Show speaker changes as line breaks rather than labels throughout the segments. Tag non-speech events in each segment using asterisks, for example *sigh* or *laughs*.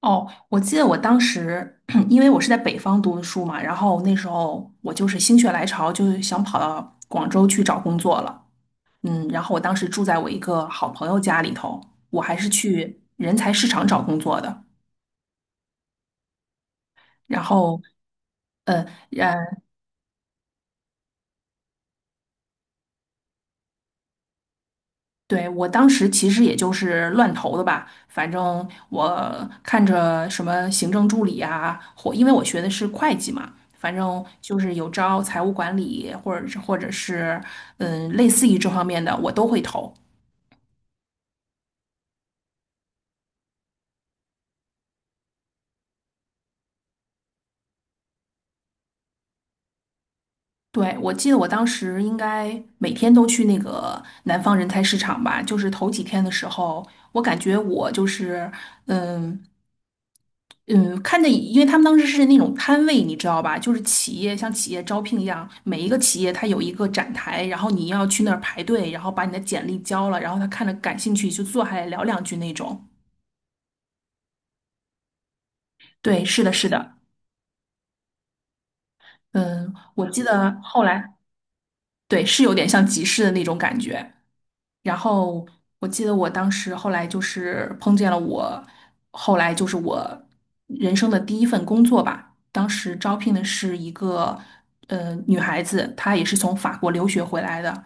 哦，我记得我当时，*clears throat* 因为我是在北方读的书嘛，然后那时候我就是心血来潮，就是想跑到广州去找工作了。嗯，然后我当时住在我一个好朋友家里头，我还是去人才市场找工作的。然后，呃，对，我当时其实也就是乱投的吧，反正我看着什么行政助理啊，或因为我学的是会计嘛，反正就是有招财务管理，或者是类似于这方面的，我都会投。对，我记得我当时应该每天都去那个南方人才市场吧，就是头几天的时候，我感觉我就是嗯嗯，看着，因为他们当时是那种摊位，你知道吧？就是企业像企业招聘一样，每一个企业它有一个展台，然后你要去那儿排队，然后把你的简历交了，然后他看着感兴趣就坐下来聊两句那种。对，是的，是的，嗯，我记得后来，对，是有点像集市的那种感觉。然后我记得我当时后来就是碰见了我，后来就是我人生的第一份工作吧。当时招聘的是一个女孩子，她也是从法国留学回来的。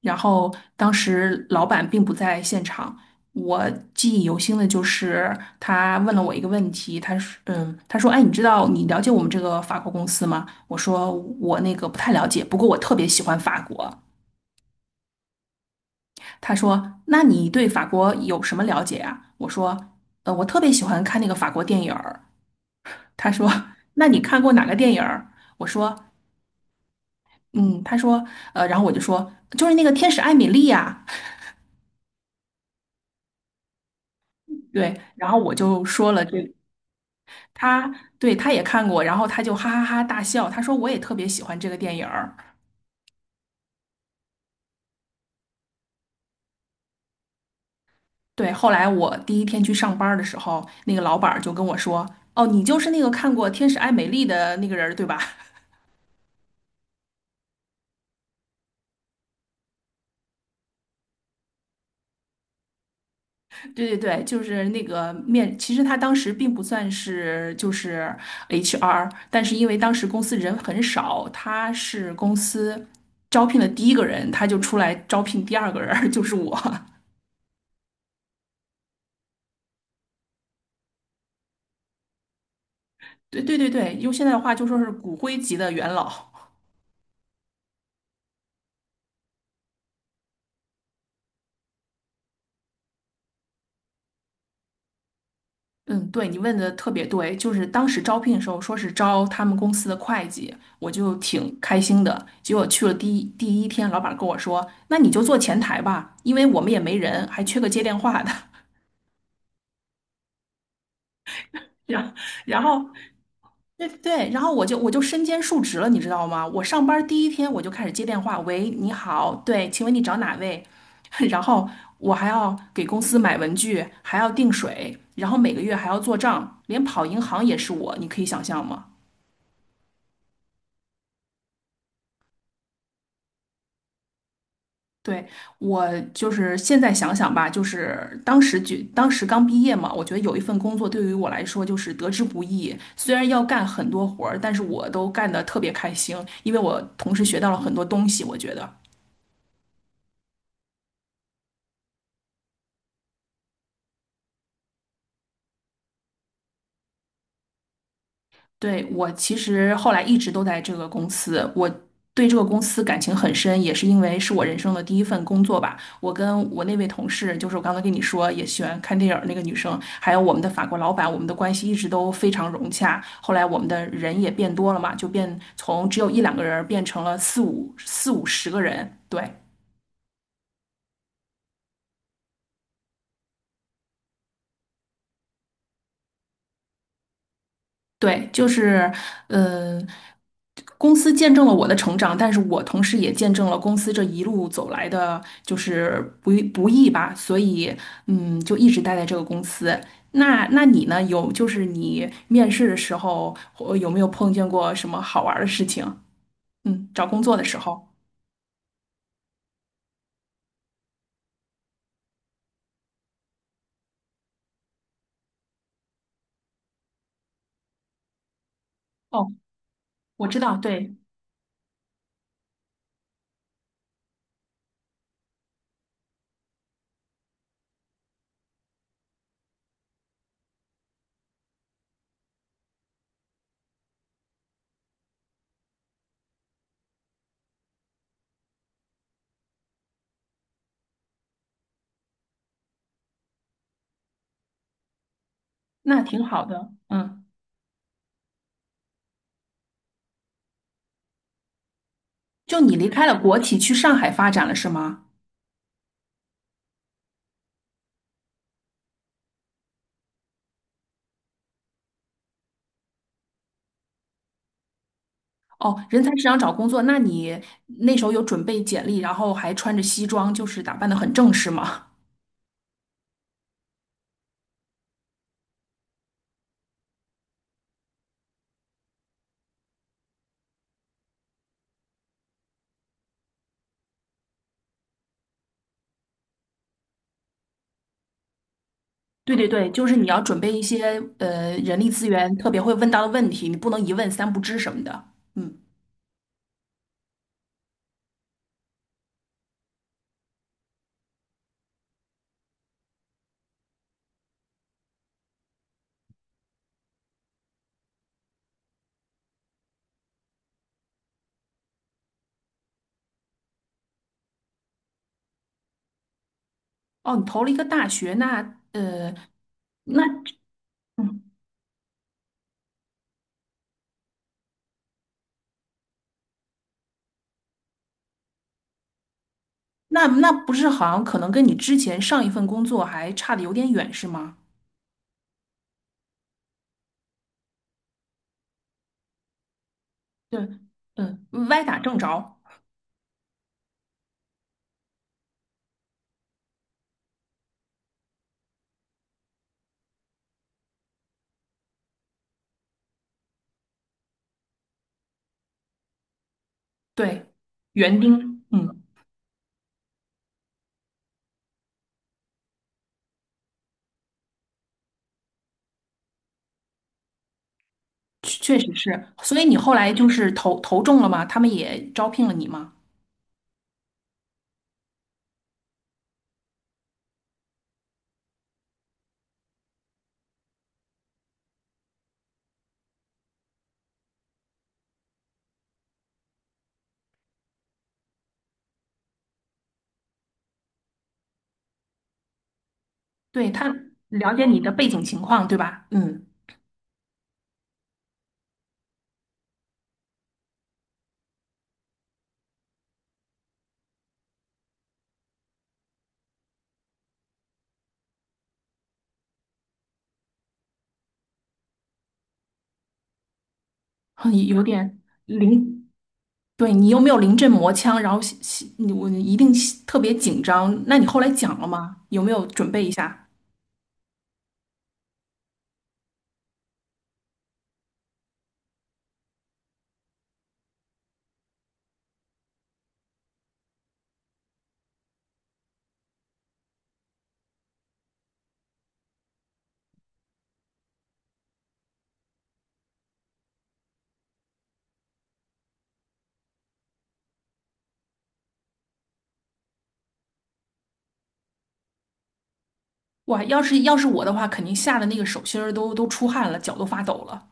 然后当时老板并不在现场，我记忆犹新的就是他问了我一个问题，他说嗯，他说哎，你知道你了解我们这个法国公司吗？我说我那个不太了解，不过我特别喜欢法国。他说：“那你对法国有什么了解啊？”我说：“呃，我特别喜欢看那个法国电影儿。”他说：“那你看过哪个电影儿？”我说：“嗯。”他说：“呃，然后我就说，就是那个《天使艾米丽》呀。”对，然后我就说了这，他对他也看过，然后他就哈哈哈大笑，他说：“我也特别喜欢这个电影儿。”对，后来我第一天去上班儿的时候，那个老板儿就跟我说：“哦，你就是那个看过《天使艾米丽》的那个人儿，对吧？”对对对，就是那个面，其实他当时并不算是就是 HR，但是因为当时公司人很少，他是公司招聘的第一个人，他就出来招聘第二个人儿 *laughs* 就是我。*laughs* 对对对对，用现在的话就说是骨灰级的元老。嗯，对，你问的特别对，就是当时招聘的时候说是招他们公司的会计，我就挺开心的。结果去了第一天，老板跟我说：“那你就做前台吧，因为我们也没人，还缺个接电话的。”然然后对对，然后我就身兼数职了，你知道吗？我上班第一天我就开始接电话，喂，你好，对，请问你找哪位？*laughs* 然后我还要给公司买文具，还要订水，然后每个月还要做账，连跑银行也是我，你可以想象吗？对，我就是现在想想吧，就是当时就当时刚毕业嘛，我觉得有一份工作对于我来说就是得之不易。虽然要干很多活儿，但是我都干得特别开心，因为我同时学到了很多东西，我觉得。对，我其实后来一直都在这个公司，我对这个公司感情很深，也是因为是我人生的第一份工作吧。我跟我那位同事，就是我刚才跟你说也喜欢看电影儿那个女生，还有我们的法国老板，我们的关系一直都非常融洽。后来我们的人也变多了嘛，就变从只有一两个人儿变成了四五十个人。对，对，就是呃，公司见证了我的成长，但是我同时也见证了公司这一路走来的，就是不易不易吧，所以嗯，就一直待在这个公司。那你呢？就是你面试的时候，或有没有碰见过什么好玩儿的事情？嗯，找工作的时候。哦，我知道，对，那挺好的。嗯，就你离开了国企去上海发展了，是吗？哦，人才市场找工作，那你那时候有准备简历，然后还穿着西装，就是打扮的很正式吗？*laughs* 对对对，就是你要准备一些人力资源特别会问到的问题，你不能一问三不知什么的。嗯，哦，你投了一个大学，那呃，那嗯，那那不是好像可能跟你之前上一份工作还差的有点远，是吗？对，嗯，歪打正着，对，园丁，嗯。确实是。所以你后来就是投中了吗？他们也招聘了你吗？对，他了解你的背景情况，对吧？嗯，哼有点临，对你又没有临阵磨枪，然后你我一定心特别紧张。那你后来讲了吗？有没有准备一下？哇，要是我的话，肯定吓得那个手心儿都出汗了，脚都发抖了。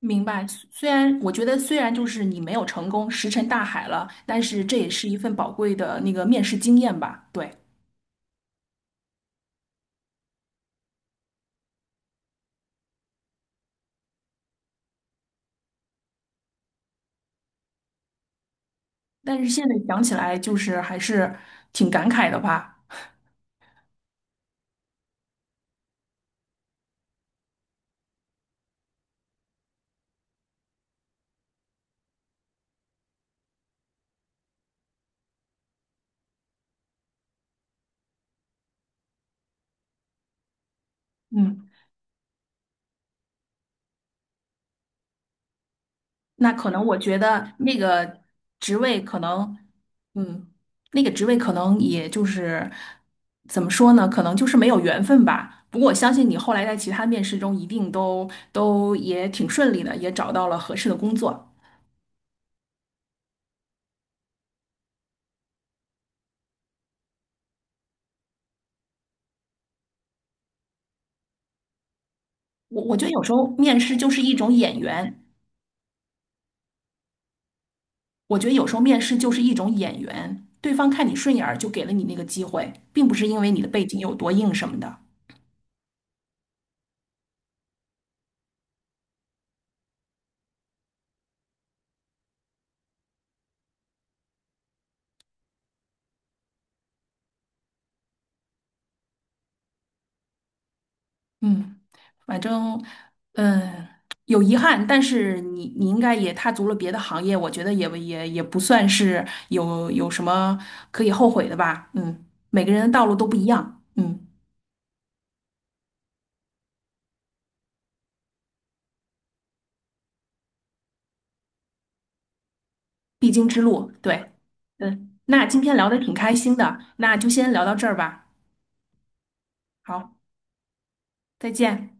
明白，虽然我觉得虽然就是你没有成功，石沉大海了，但是这也是一份宝贵的那个面试经验吧？对。但是现在想起来，就是还是挺感慨的吧。嗯，那可能我觉得那个职位可能，嗯，那个职位可能也就是怎么说呢？可能就是没有缘分吧。不过我相信你后来在其他面试中一定都也挺顺利的，也找到了合适的工作。我我觉得有时候面试就是一种眼缘，我觉得有时候面试就是一种眼缘，对方看你顺眼儿就给了你那个机会，并不是因为你的背景有多硬什么的。嗯，反正，嗯，有遗憾，但是你应该也踏足了别的行业，我觉得也不算是有什么可以后悔的吧。嗯，每个人的道路都不一样，嗯，必经之路，对，嗯，那今天聊的挺开心的，那就先聊到这儿吧。好，再见。